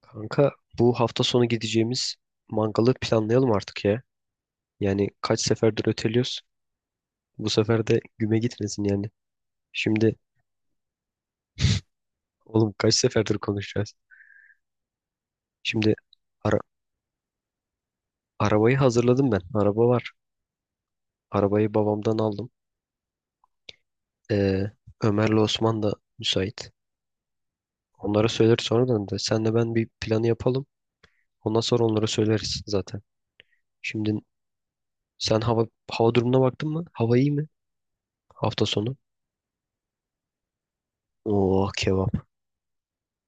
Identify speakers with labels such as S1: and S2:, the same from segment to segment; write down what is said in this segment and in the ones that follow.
S1: Kanka bu hafta sonu gideceğimiz mangalı planlayalım artık ya. Yani kaç seferdir öteliyoruz. Bu sefer de güme gitmesin yani. Şimdi oğlum kaç seferdir konuşacağız. Şimdi ara- arabayı hazırladım ben. Araba var. Arabayı babamdan aldım. Ee, Ömer'le Osman da müsait. Onlara söyleriz sonradan da. Senle ben bir planı yapalım. Ondan sonra onlara söyleriz zaten. Şimdi sen hava durumuna baktın mı? Hava iyi mi? Hafta sonu. Oo kebap.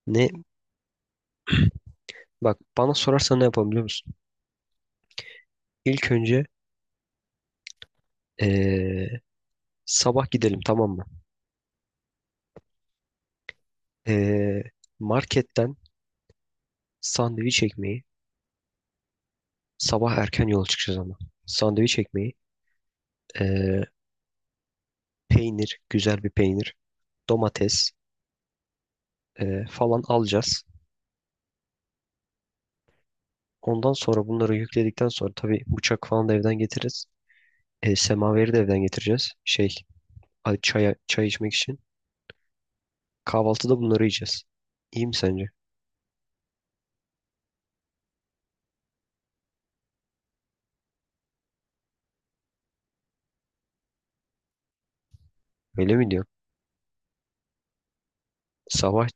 S1: Ne? Bak bana sorarsan ne yapalım biliyor musun? İlk önce eee, sabah gidelim, tamam mı? Eee, marketten sandviç ekmeği, sabah erken yola çıkacağız ama. Sandviç ekmeği, eee, peynir, güzel bir peynir, domates falan alacağız. Ondan sonra bunları yükledikten sonra tabii bıçak falan da evden getiririz. Semaveri de evden getireceğiz. Çay içmek için. Kahvaltıda bunları yiyeceğiz. İyi mi sence? Öyle mi diyorsun? Sabah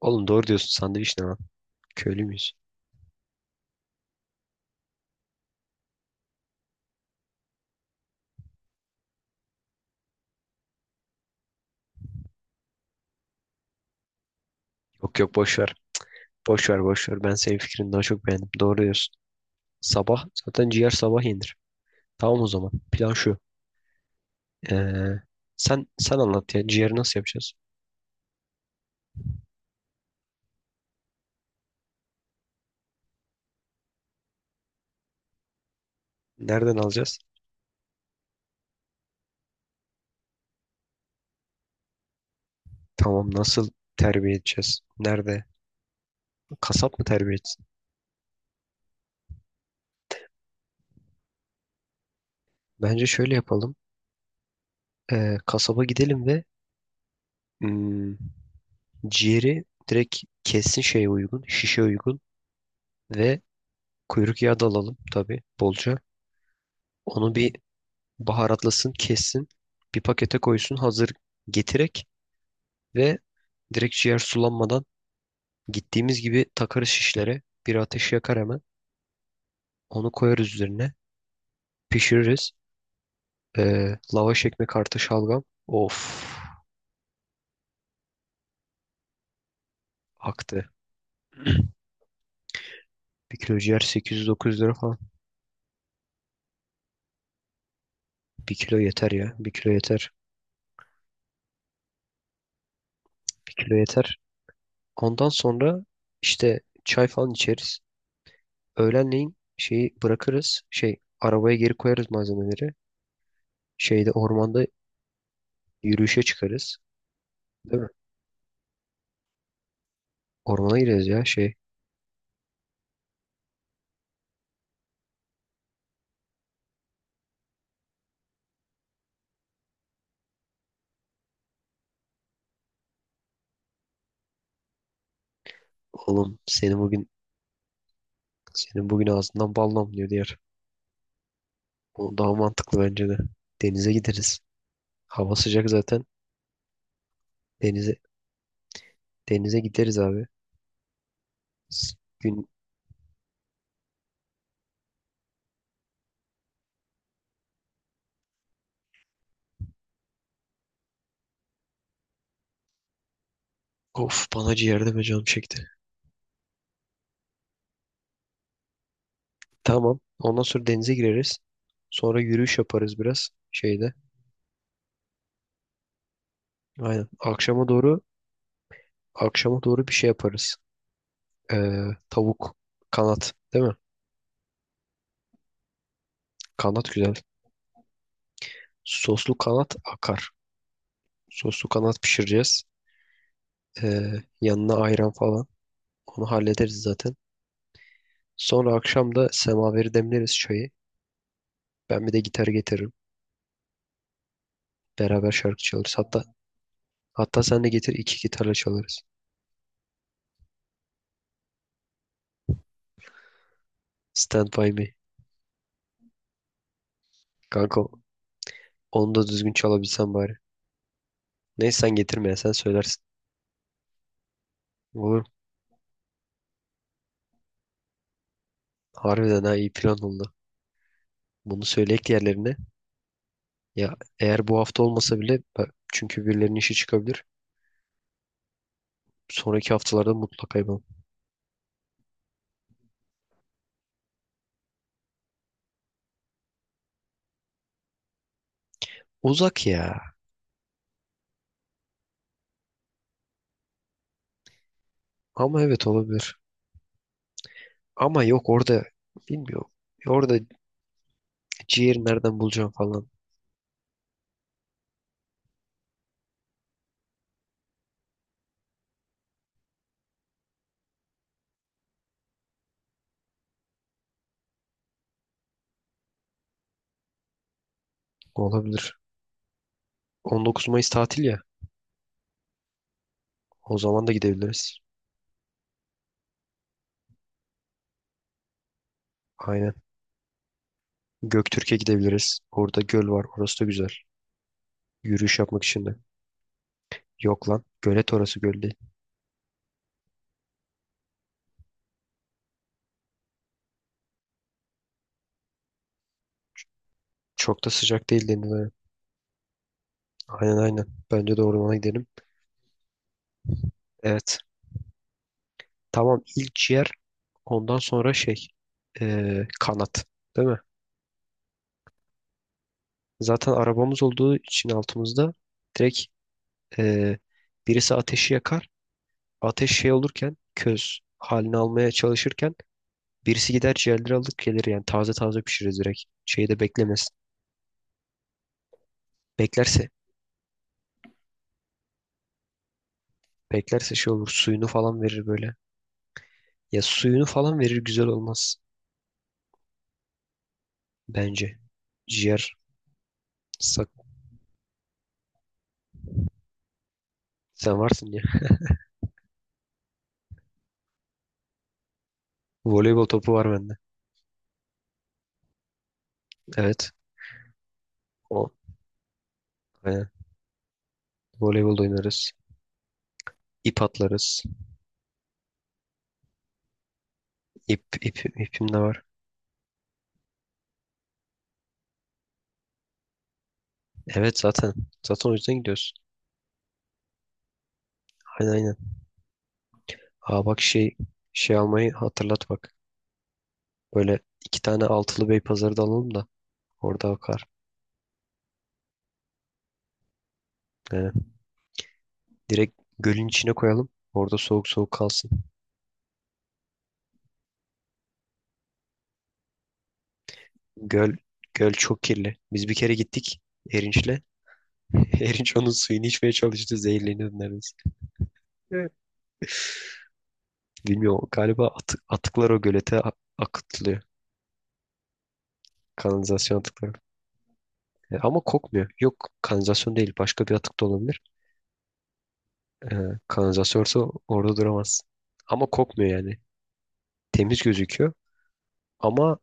S1: oğlum doğru diyorsun, sandviç ne lan? Köylü müyüz? Yok yok, boş ver. Boş ver boş ver. Ben senin fikrini daha çok beğendim. Doğru diyorsun. Sabah zaten ciğer, sabah yenir. Tamam o zaman. Plan şu. Ee, sen anlat ya. Ciğeri nasıl yapacağız? Nereden alacağız? Tamam, nasıl terbiye edeceğiz? Nerede? Kasap mı terbiye etsin? Bence şöyle yapalım. Kasaba gidelim ve hmm, ciğeri direkt kessin, şeye uygun, şişe uygun ve kuyruk yağı da alalım tabii bolca. Onu bir baharatlasın, kessin, bir pakete koysun, hazır getirerek. Ve direkt ciğer sulanmadan gittiğimiz gibi takarız şişlere. Bir ateş yakar hemen. Onu koyarız üzerine. Pişiririz. Lavaş ekmek artı şalgam. Of aktı. Bir kilo ciğer 800-900 lira falan. Bir kilo yeter ya. Bir kilo yeter. Bir kilo yeter. Ondan sonra işte çay falan içeriz. Öğlenleyin şeyi bırakırız. Şey, arabaya geri koyarız malzemeleri. Şeyde, ormanda yürüyüşe çıkarız. Değil mi? Ormana gireriz ya şey. Oğlum seni bugün Senin bugün ağzından bal damlıyor diğer. O daha mantıklı bence de. Denize gideriz. Hava sıcak zaten. Denize denize gideriz abi. S- Gün of bana ciğerde ve canım çekti. Tamam. Ondan sonra denize gireriz. Sonra yürüyüş yaparız biraz şeyde. Aynen. Akşama doğru bir şey yaparız. Ee, tavuk kanat değil mi? Kanat güzel. Soslu kanat akar. Soslu kanat pişireceğiz. Ee, yanına ayran falan. Onu hallederiz zaten. Sonra akşam da semaveri demleriz, çayı. Ben bir de gitar getiririm. Beraber şarkı çalarız. Hatta sen de getir, iki gitarla çalarız. Stand By Me. Kanka, onu da düzgün çalabilsen bari. Neyse, sen getirme ya, sen söylersin. Olur. Harbiden ha, iyi plan oldu. Bunu söyleyek yerlerine. Ya eğer bu hafta olmasa bile ben- çünkü birilerinin işi çıkabilir. Sonraki haftalarda mutlaka yapalım. Uzak ya. Ama evet, olabilir. Ama yok, orada bilmiyorum. Orada ciğeri nereden bulacağım falan. Olabilir. 19 Mayıs tatil ya. O zaman da gidebiliriz. Aynen. Göktürk'e gidebiliriz. Orada göl var. Orası da güzel. Yürüyüş yapmak için de. Yok lan. Gölet orası, göl değil. Çok da sıcak değil deniliyor. Aynen aynen. Bence de ormana gidelim. Evet. Tamam, ilk ciğer. Ondan sonra şey, kanat. Değil mi? Zaten arabamız olduğu için altımızda direkt eee, birisi ateşi yakar. Ateş şey olurken, köz halini almaya çalışırken birisi gider ciğerleri alır gelir, yani taze taze pişiririz direkt. Şeyi de beklemez. Beklerse, beklerse şey olur, suyunu falan verir böyle. Ya, suyunu falan verir, güzel olmaz bence. Ciğer sak sen varsın ya. Voleybol topu var bende. Evet. O. Aynen. Voleybol da oynarız. İp atlarız. İp, ip, ipim de var. Evet zaten. Zaten o yüzden gidiyoruz. Aynen aynen. Aa bak, şey almayı hatırlat bak. Böyle iki tane altılı bey pazarı da alalım da orada bakar. Ee, Direkt gölün içine koyalım. Orada soğuk soğuk kalsın. Göl göl çok kirli. Biz bir kere gittik Erinç'le. Erinç onun suyunu içmeye çalıştı. Zehirleniyordu neredeyse. Evet. Bilmiyorum, galiba atıklar o gölete akıtılıyor. Kanalizasyon atıkları. Ama kokmuyor. Yok, kanalizasyon değil. Başka bir atık da olabilir. E, kanalizasyon olsa orada duramaz. Ama kokmuyor yani. Temiz gözüküyor ama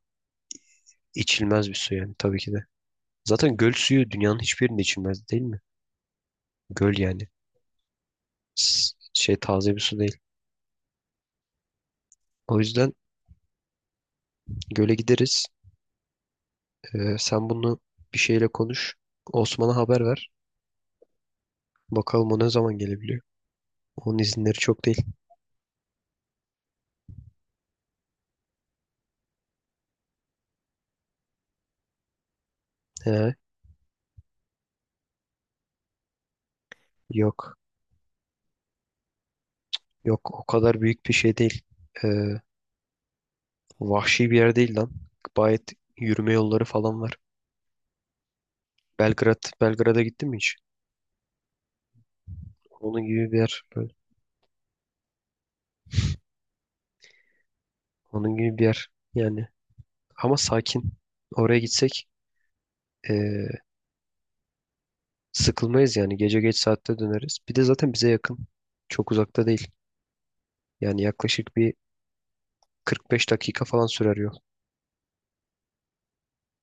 S1: içilmez bir su yani tabii ki de. Zaten göl suyu dünyanın hiçbir yerinde içilmez, değil mi? Göl yani. S- şey, taze bir su değil. O yüzden göle gideriz. Sen bunu bir şeyle konuş. Osman'a haber ver. Bakalım o ne zaman gelebiliyor. Onun izinleri çok değil. He, yok. Yok, o kadar büyük bir şey değil. Ee, vahşi bir yer değil lan. Gayet yürüme yolları falan var. Belgrad'a gittin mi hiç? Onun gibi bir yer böyle. Onun gibi bir yer yani. Ama sakin. Oraya gitsek ee, sıkılmayız yani. Gece geç saatte döneriz. Bir de zaten bize yakın. Çok uzakta değil. Yani yaklaşık bir 45 dakika falan sürer